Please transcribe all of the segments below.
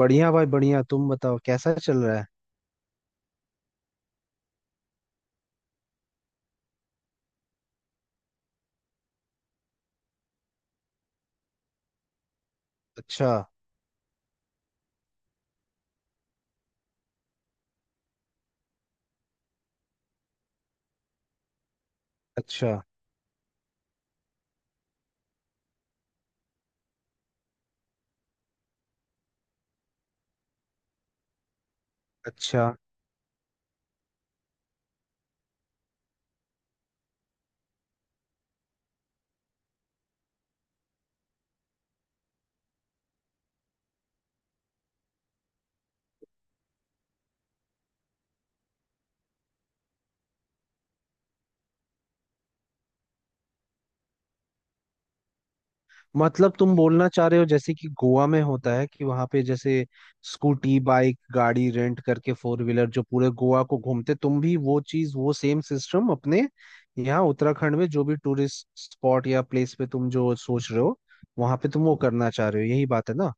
बढ़िया भाई बढ़िया। तुम बताओ कैसा चल रहा है। अच्छा। अच्छा। अच्छा। मतलब तुम बोलना चाह रहे हो जैसे कि गोवा में होता है कि वहां पे जैसे स्कूटी बाइक गाड़ी रेंट करके फोर व्हीलर जो पूरे गोवा को घूमते, तुम भी वो चीज वो सेम सिस्टम अपने यहाँ उत्तराखंड में जो भी टूरिस्ट स्पॉट या प्लेस पे तुम जो सोच रहे हो, वहां पे तुम वो करना चाह रहे हो, यही बात है ना।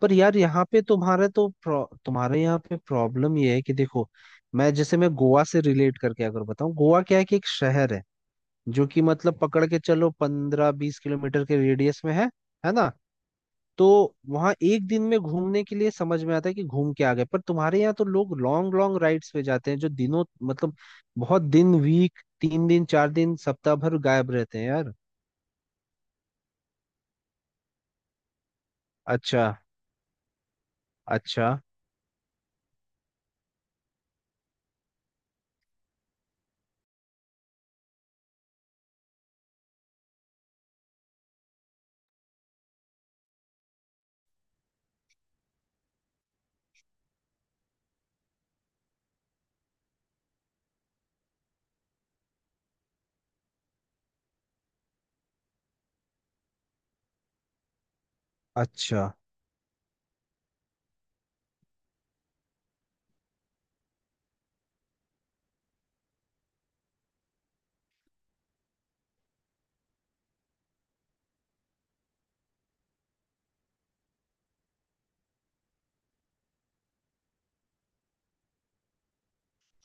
पर यार यहाँ पे तुम्हारा तो तुम्हारे यहाँ पे प्रॉब्लम ये है कि देखो, मैं जैसे मैं गोवा से रिलेट करके अगर बताऊँ, गोवा क्या है कि एक शहर है जो कि मतलब पकड़ के चलो 15-20 किलोमीटर के रेडियस में है ना। तो वहाँ एक दिन में घूमने के लिए समझ में आता है कि घूम के आ गए, पर तुम्हारे यहाँ तो लोग लॉन्ग लॉन्ग राइड्स पे जाते हैं जो दिनों मतलब बहुत दिन वीक, 3 दिन 4 दिन सप्ताह भर गायब रहते हैं यार। अच्छा। अच्छा। अच्छा।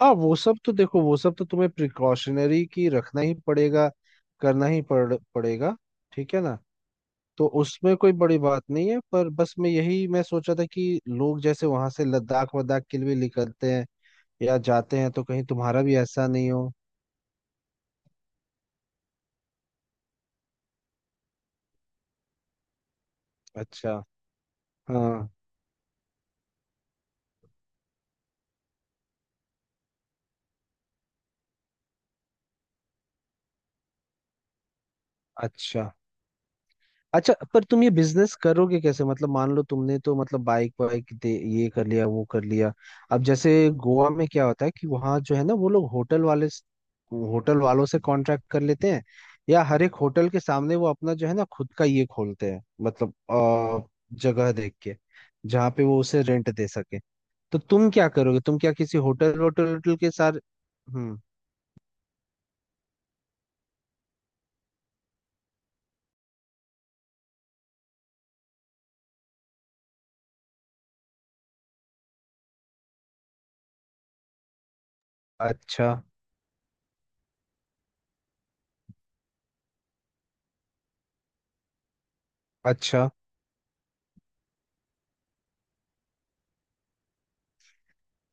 हाँ वो सब तो देखो, वो सब तो तुम्हें प्रिकॉशनरी की रखना ही पड़ेगा, करना ही पड़ेगा। ठीक है ना। तो उसमें कोई बड़ी बात नहीं है, पर बस मैं यही मैं सोचा था कि लोग जैसे वहां से लद्दाख वद्दाख के लिए निकलते हैं या जाते हैं, तो कहीं तुम्हारा भी ऐसा नहीं हो। अच्छा। हाँ। अच्छा। अच्छा पर तुम ये बिजनेस करोगे कैसे? मतलब मान लो तुमने तो मतलब बाइक वाइक दे, ये कर लिया वो कर लिया, अब जैसे गोवा में क्या होता है कि वहाँ जो है ना, वो लोग होटल वाले, होटल वालों से कॉन्ट्रैक्ट कर लेते हैं, या हर एक होटल के सामने वो अपना जो है ना खुद का ये खोलते हैं मतलब जगह देख के जहाँ पे वो उसे रेंट दे सके। तो तुम क्या करोगे, तुम क्या किसी होटल होटल होटल के साथ? हम्म। अच्छा। अच्छा।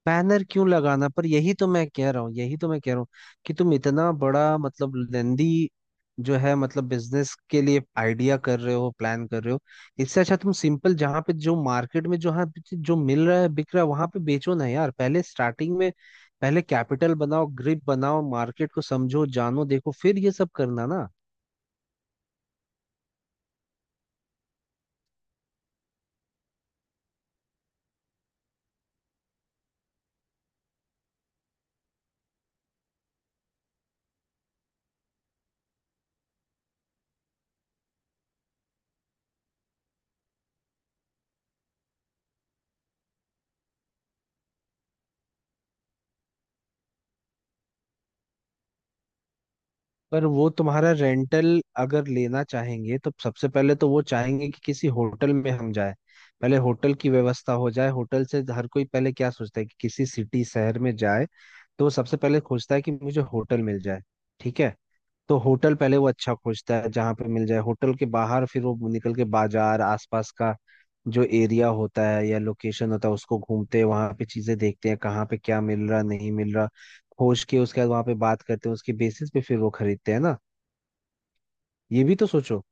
बैनर क्यों लगाना? पर यही तो मैं कह रहा हूँ, यही तो मैं कह रहा हूँ कि तुम इतना बड़ा मतलब लेंदी जो है, मतलब बिजनेस के लिए आइडिया कर रहे हो, प्लान कर रहे हो। इससे अच्छा तुम सिंपल जहाँ पे जो मार्केट में जहाँ पे जो मिल रहा है बिक रहा है वहां पे बेचो ना यार, पहले स्टार्टिंग में। पहले कैपिटल बनाओ, ग्रिप बनाओ, मार्केट को समझो, जानो, देखो, फिर ये सब करना ना। पर वो तुम्हारा रेंटल अगर लेना चाहेंगे तो सबसे पहले तो वो चाहेंगे कि किसी होटल में हम जाए, पहले होटल की व्यवस्था हो जाए। होटल से हर कोई पहले क्या सोचता है कि किसी सिटी शहर में जाए, तो वो सबसे पहले खोजता है कि मुझे होटल मिल जाए। ठीक है। तो होटल पहले वो अच्छा खोजता है जहाँ पे मिल जाए, होटल के बाहर फिर वो निकल के बाजार आसपास का जो एरिया होता है या लोकेशन होता है उसको घूमते हैं, वहां पे चीजें देखते हैं कहाँ पे क्या मिल रहा नहीं मिल रहा, खोज के उसके बाद वहां पे बात करते हैं, उसके बेसिस पे फिर वो खरीदते हैं ना। ये भी तो सोचो।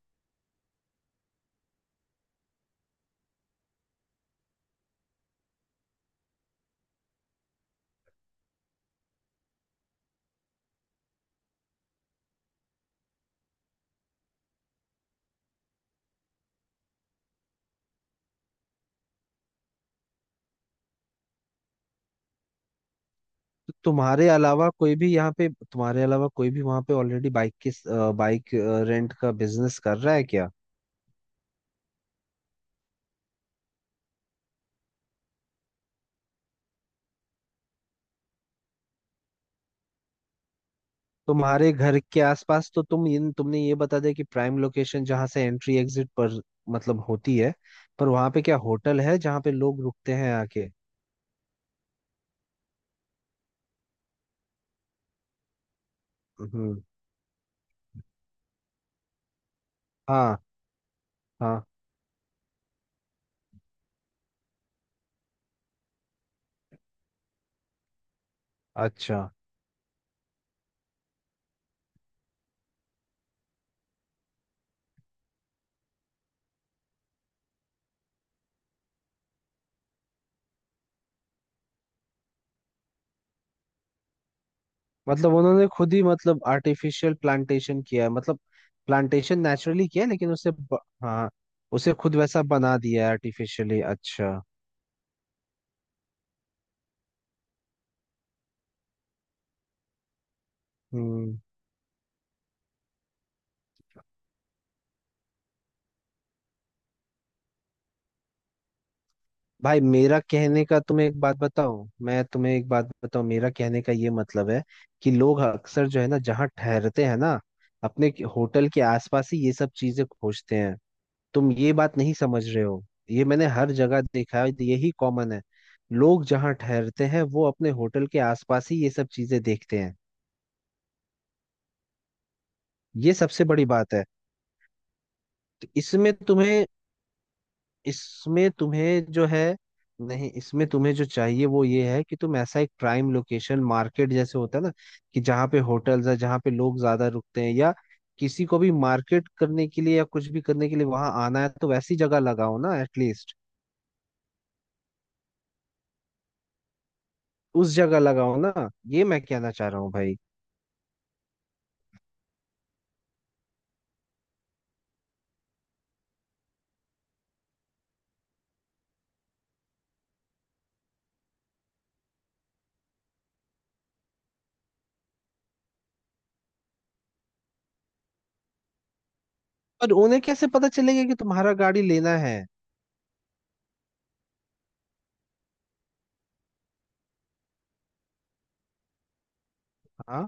तो तुम्हारे अलावा कोई भी यहाँ पे, तुम्हारे अलावा कोई भी वहां पे ऑलरेडी बाइक के, बाइक रेंट का बिजनेस कर रहा है क्या? तुम्हारे घर के आसपास तो तुमने ये बता दिया कि प्राइम लोकेशन जहाँ से एंट्री एग्जिट पर मतलब होती है, पर वहां पे क्या होटल है जहाँ पे लोग रुकते हैं आके? हम्म। हाँ। हाँ। अच्छा मतलब उन्होंने खुद ही मतलब आर्टिफिशियल प्लांटेशन किया है, मतलब प्लांटेशन नेचुरली किया है लेकिन उसे हाँ, उसे खुद वैसा बना दिया है आर्टिफिशियली। अच्छा। हम्म। भाई मेरा कहने का, तुम्हें एक बात बताऊं, मैं तुम्हें एक बात बताऊं, मेरा कहने का ये मतलब है कि लोग अक्सर जो है ना जहाँ ठहरते हैं ना, अपने होटल के आसपास ही ये सब चीजें खोजते हैं। तुम ये बात नहीं समझ रहे हो। ये मैंने हर जगह देखा है, यही कॉमन है। लोग जहाँ ठहरते हैं वो अपने होटल के आसपास ही ये सब चीजें देखते हैं। ये सबसे बड़ी बात है। तो इसमें तुम्हें, इसमें तुम्हें जो है, नहीं, इसमें तुम्हें जो चाहिए वो ये है कि तुम ऐसा एक प्राइम लोकेशन मार्केट जैसे होता है ना कि जहाँ पे होटल्स है, जहाँ पे लोग ज्यादा रुकते हैं, या किसी को भी मार्केट करने के लिए या कुछ भी करने के लिए वहां आना है, तो वैसी जगह लगाओ ना, एटलीस्ट उस जगह लगाओ ना। ये मैं कहना चाह रहा हूँ भाई। और उन्हें कैसे पता चलेगा कि तुम्हारा गाड़ी लेना है? हाँ।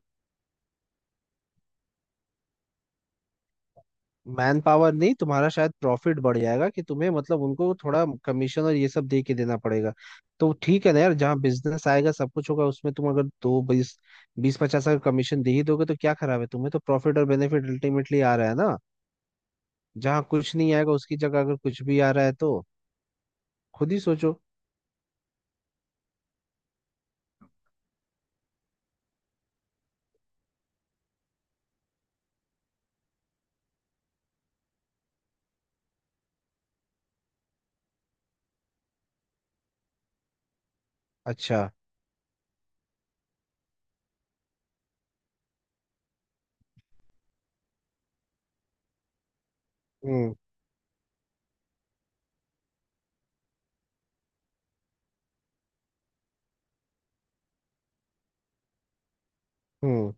मैन पावर नहीं, तुम्हारा शायद प्रॉफिट बढ़ जाएगा कि तुम्हें मतलब उनको थोड़ा कमीशन और ये सब दे के देना पड़ेगा। तो ठीक है ना यार, जहाँ बिजनेस आएगा सब कुछ होगा उसमें, तुम अगर दो बीस, बीस पचास का कमीशन दे ही दोगे तो क्या खराब है, तुम्हें तो प्रॉफिट और बेनिफिट अल्टीमेटली आ रहा है ना। जहाँ कुछ नहीं आएगा उसकी जगह अगर कुछ भी आ रहा है तो खुद ही सोचो। अच्छा। हम्म। हम्म।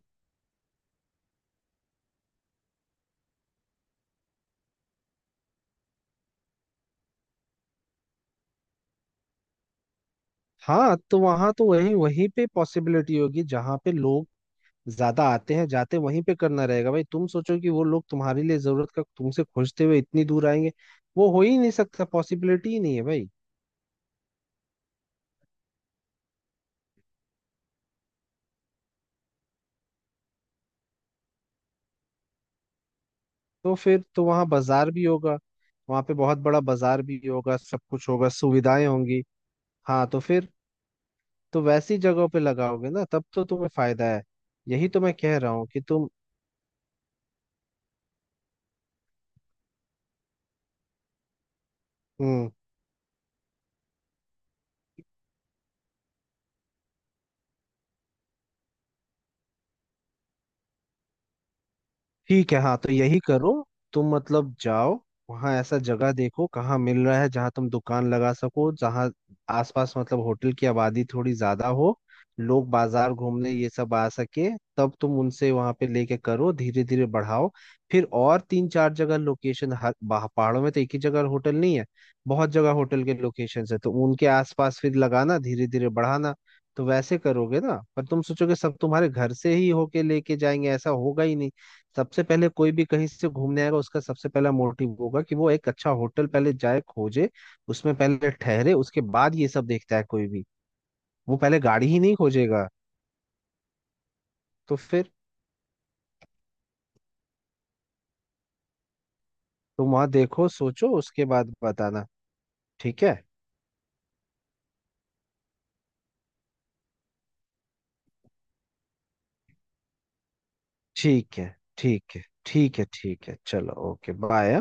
हाँ तो वहां तो वही वहीं पे पॉसिबिलिटी होगी जहां पे लोग ज्यादा आते हैं जाते, वहीं पे करना रहेगा भाई। तुम सोचो कि वो लोग तुम्हारे लिए जरूरत का तुमसे खोजते हुए इतनी दूर आएंगे, वो हो ही नहीं सकता, पॉसिबिलिटी ही नहीं है भाई। तो फिर तो वहाँ बाजार भी होगा, वहाँ पे बहुत बड़ा बाजार भी होगा, सब कुछ होगा, सुविधाएं होंगी। हाँ तो फिर तो वैसी जगहों पे लगाओगे ना, तब तो तुम्हें फायदा है। यही तो मैं कह रहा हूँ कि तुम। हम्म। ठीक है। हाँ तो यही करो। तुम मतलब जाओ, वहां ऐसा जगह देखो कहाँ मिल रहा है जहाँ तुम दुकान लगा सको, जहाँ आसपास मतलब होटल की आबादी थोड़ी ज्यादा हो, लोग बाजार घूमने ये सब आ सके, तब तुम उनसे वहां पे लेके करो, धीरे धीरे बढ़ाओ। फिर और तीन चार जगह लोकेशन, हर पहाड़ों में तो एक ही जगह होटल नहीं है, बहुत जगह होटल के लोकेशन है, तो उनके आसपास फिर लगाना, धीरे धीरे बढ़ाना। तो वैसे करोगे ना, पर तुम सोचोगे सब तुम्हारे घर से ही होके लेके जाएंगे, ऐसा होगा ही नहीं। सबसे पहले कोई भी कहीं से घूमने आएगा, उसका सबसे पहला मोटिव होगा कि वो एक अच्छा होटल पहले जाए खोजे, उसमें पहले ठहरे, उसके बाद ये सब देखता है कोई भी। वो पहले गाड़ी ही नहीं खोजेगा। तो फिर तुम वहां देखो सोचो उसके बाद बताना। ठीक है। ठीक है। ठीक है। ठीक है। ठीक है चलो, ओके बाय।